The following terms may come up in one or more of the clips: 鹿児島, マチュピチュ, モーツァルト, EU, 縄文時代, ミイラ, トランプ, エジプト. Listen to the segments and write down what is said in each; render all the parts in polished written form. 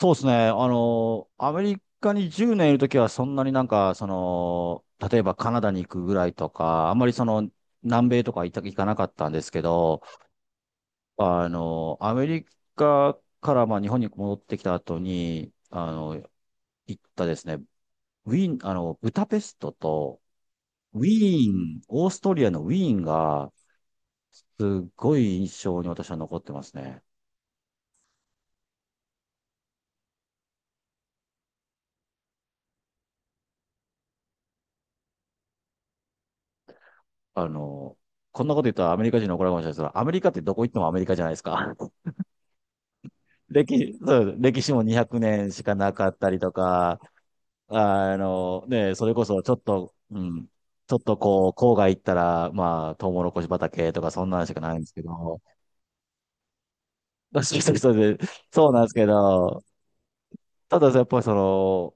そうですね。アメリカに10年いるときは、そんなになんか、例えばカナダに行くぐらいとか、あんまり南米とか行かなかったんですけど、アメリカからまあ日本に戻ってきた後に、行ったですね、ウィーン、ブダペストと、ウィーン、オーストリアのウィーンが、すっごい印象に私は残ってますね。あの、こんなこと言ったらアメリカ人に怒られるかもしれないですけど、アメリカってどこ行ってもアメリカじゃないですか。歴、そう歴史も200年しかなかったりとか、ね、それこそちょっと、うん、ちょっとこう、郊外行ったら、まあ、トウモロコシ畑とかそんなんしかないんですけど、そうそうそう、そうなんですけど、ただやっぱり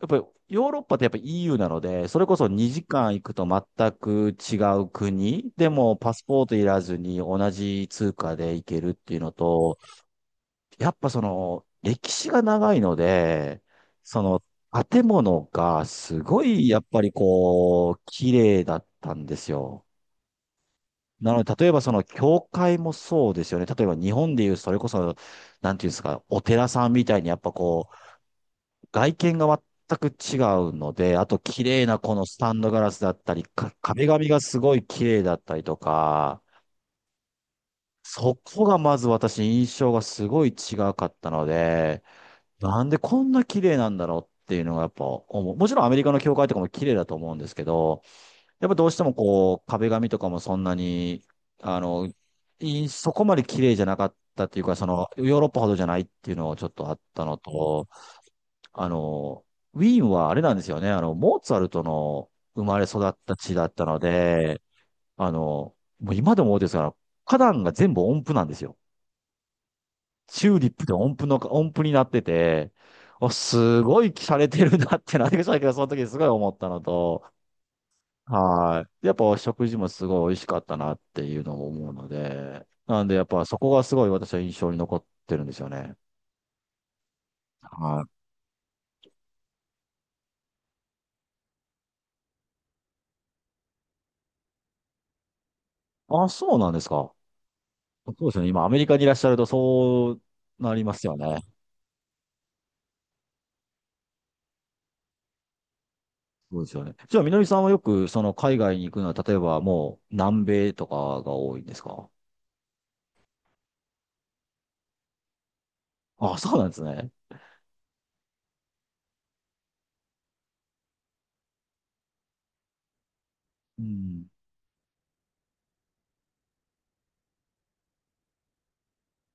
やっぱりヨーロッパってやっぱ EU なので、それこそ2時間行くと全く違う国でもパスポートいらずに同じ通貨で行けるっていうのと、やっぱ歴史が長いので、その、建物がすごい、やっぱりこう、綺麗だったんですよ。なので、例えば教会もそうですよね。例えば日本でいう、それこそ、なんていうんですか、お寺さんみたいに、やっぱこう、外見が全く違うので、あと、綺麗なこのスタンドガラスだったり、壁紙がすごい綺麗だったりとか、そこがまず私、印象がすごい違かったので、なんでこんな綺麗なんだろうっていうのがやっぱ思う。もちろんアメリカの教会とかも綺麗だと思うんですけど、やっぱどうしてもこう、壁紙とかもそんなに、あの、そこまで綺麗じゃなかったっていうか、その、ヨーロッパほどじゃないっていうのがちょっとあったのと、あの、ウィーンはあれなんですよね、モーツァルトの生まれ育った地だったので、あの、もう今でも思うんですが、花壇が全部音符なんですよ。チューリップで音符になってて、おすごい洒落てるなってなってきたけど、その時すごい思ったのと、はい。やっぱ食事もすごい美味しかったなっていうのも思うので、なんでやっぱそこがすごい私は印象に残ってるんですよね。はい。あ、そうなんですか。そうですよね。今アメリカにいらっしゃるとそうなりますよね。そうですよね。じゃあ、みのりさんはよくその海外に行くのは、例えばもう南米とかが多いんですか？あ、そうなんですね。うん。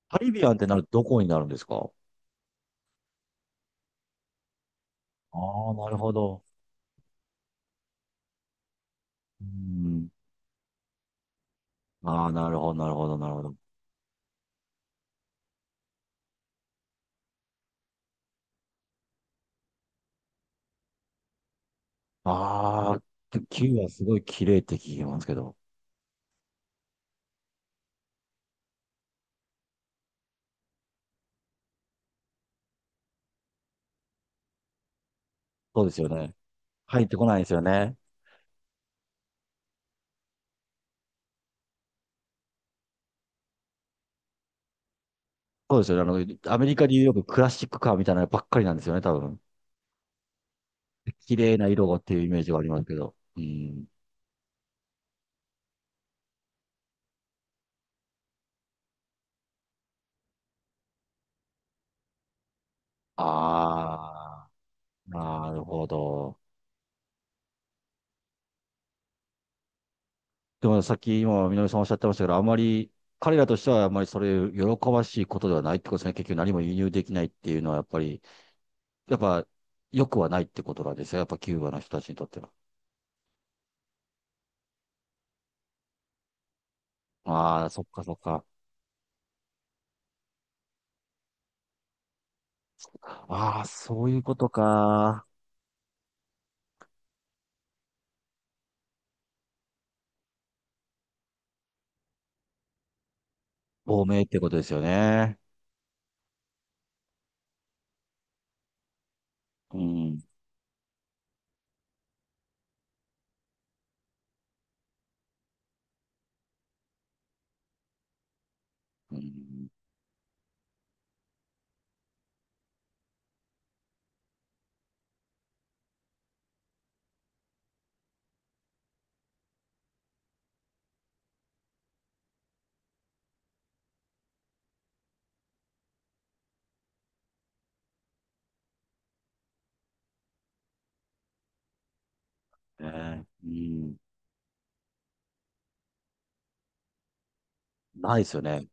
カリビアンってなるとどこになるんですか？ああー、なるほど。うん。ああ、なるほど、なるほど、なるほど。ああ、キューバすごい綺麗って聞きますけど。そうですよね。入ってこないですよね。そうですよね。アメリカでいうよくクラシックカーみたいなのばっかりなんですよね、多分。綺麗な色がっていうイメージがありますけど。うん。ああ、なるほど。でもさっき今、みのりさんおっしゃってましたけど、あまり、彼らとしてはあまりそれ喜ばしいことではないってことですね。結局何も輸入できないっていうのはやっぱり。やっぱ、良くはないってことなんですよ。やっぱキューバの人たちにとっては。ああ、そっかそっか。ああ、そういうことか。亡命ってことですよね。うん。うん。ね、うん。ないですよね。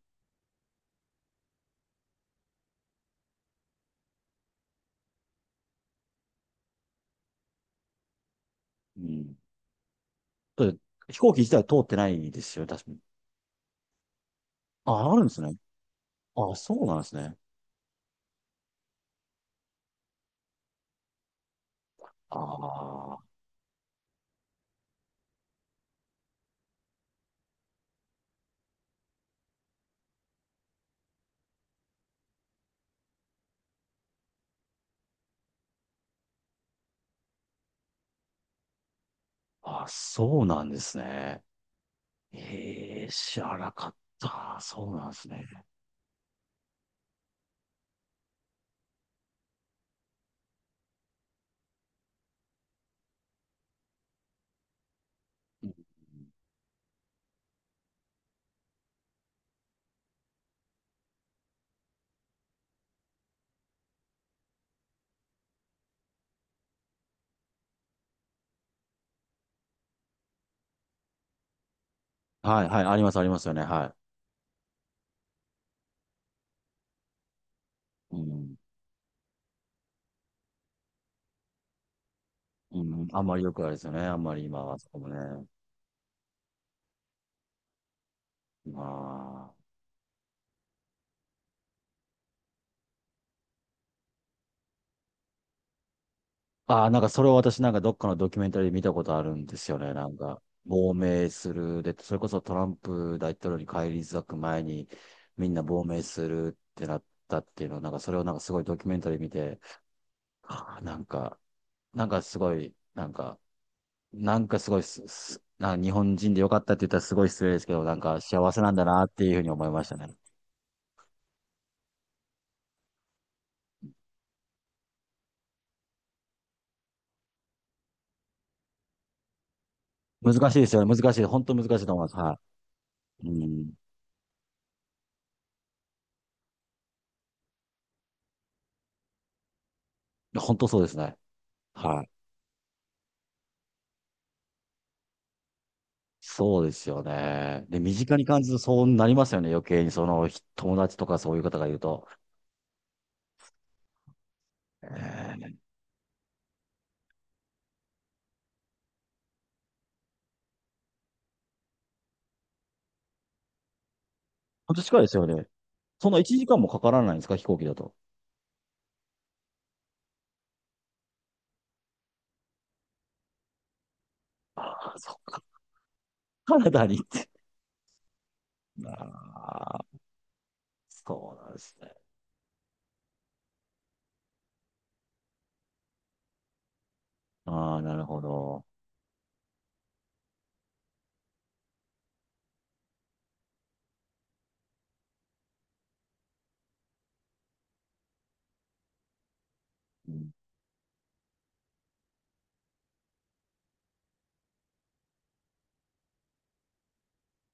うん。だって飛行機自体通ってないですよね、確かに。ああ、あるんですね。あ、そうなんですね。ああ、ああ、そうなんですね。ええ、知らなかった。そうなんですね。うん、はい、はい、あります、ありますよね。はい。うんうん、あんまりよくあれですよね。あんまり今はそこもね。まあ。ああ、なんかそれを私なんかどっかのドキュメンタリーで見たことあるんですよね。なんか、亡命する。で、それこそトランプ大統領に返り咲く前にみんな亡命するってなったっていうのを、なんかそれをなんかすごいドキュメンタリー見て、ああ、なんか、なんかすごい、なんか、なんかすごいす、すなんか日本人でよかったって言ったらすごい失礼ですけど、なんか幸せなんだなっていうふうに思いましたね。難しいですよね。難しい。本当難しいと思います。はい。うん、本当そうですね。はい。そうですよね。で、身近に感じるとそうなりますよね。余計にその友達とかそういう方がいると。えー、本当近いですよね。そんな1時間もかからないんですか飛行機だと。ああ、そっか。カナダに行って。ああ、そうなんですね。ああ、なるほど。うん、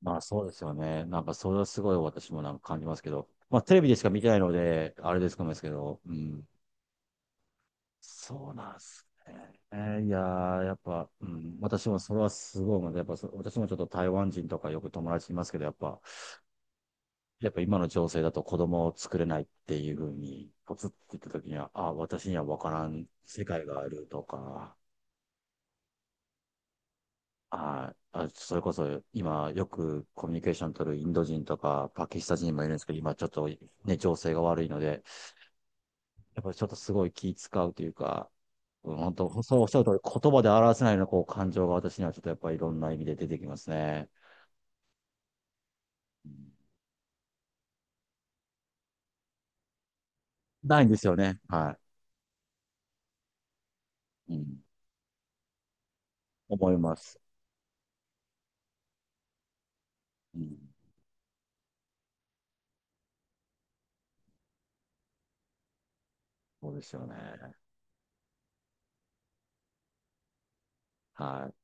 まあそうですよね。なんかそれはすごい私もなんか感じますけど。まあテレビでしか見てないので、あれですかもですけど。うん、そうなんですね。えーいやー、やっぱ、うん、私もそれはすごい思う。やっぱそ、私もちょっと台湾人とかよく友達いますけど、やっぱ今の情勢だと子供を作れないっていうふうに、ポツって言った時には、あ、私には分からん世界があるとか、あ、あ、それこそ今よくコミュニケーション取るインド人とかパキスタン人もいるんですけど、今ちょっとね、情勢が悪いので、やっぱりちょっとすごい気使うというか、うん、本当、そうおっしゃる通り、言葉で表せないようなこう感情が私にはちょっとやっぱりいろんな意味で出てきますね。うん、ないんですよね。はい。うん、思います。うん、そうですよね。はい。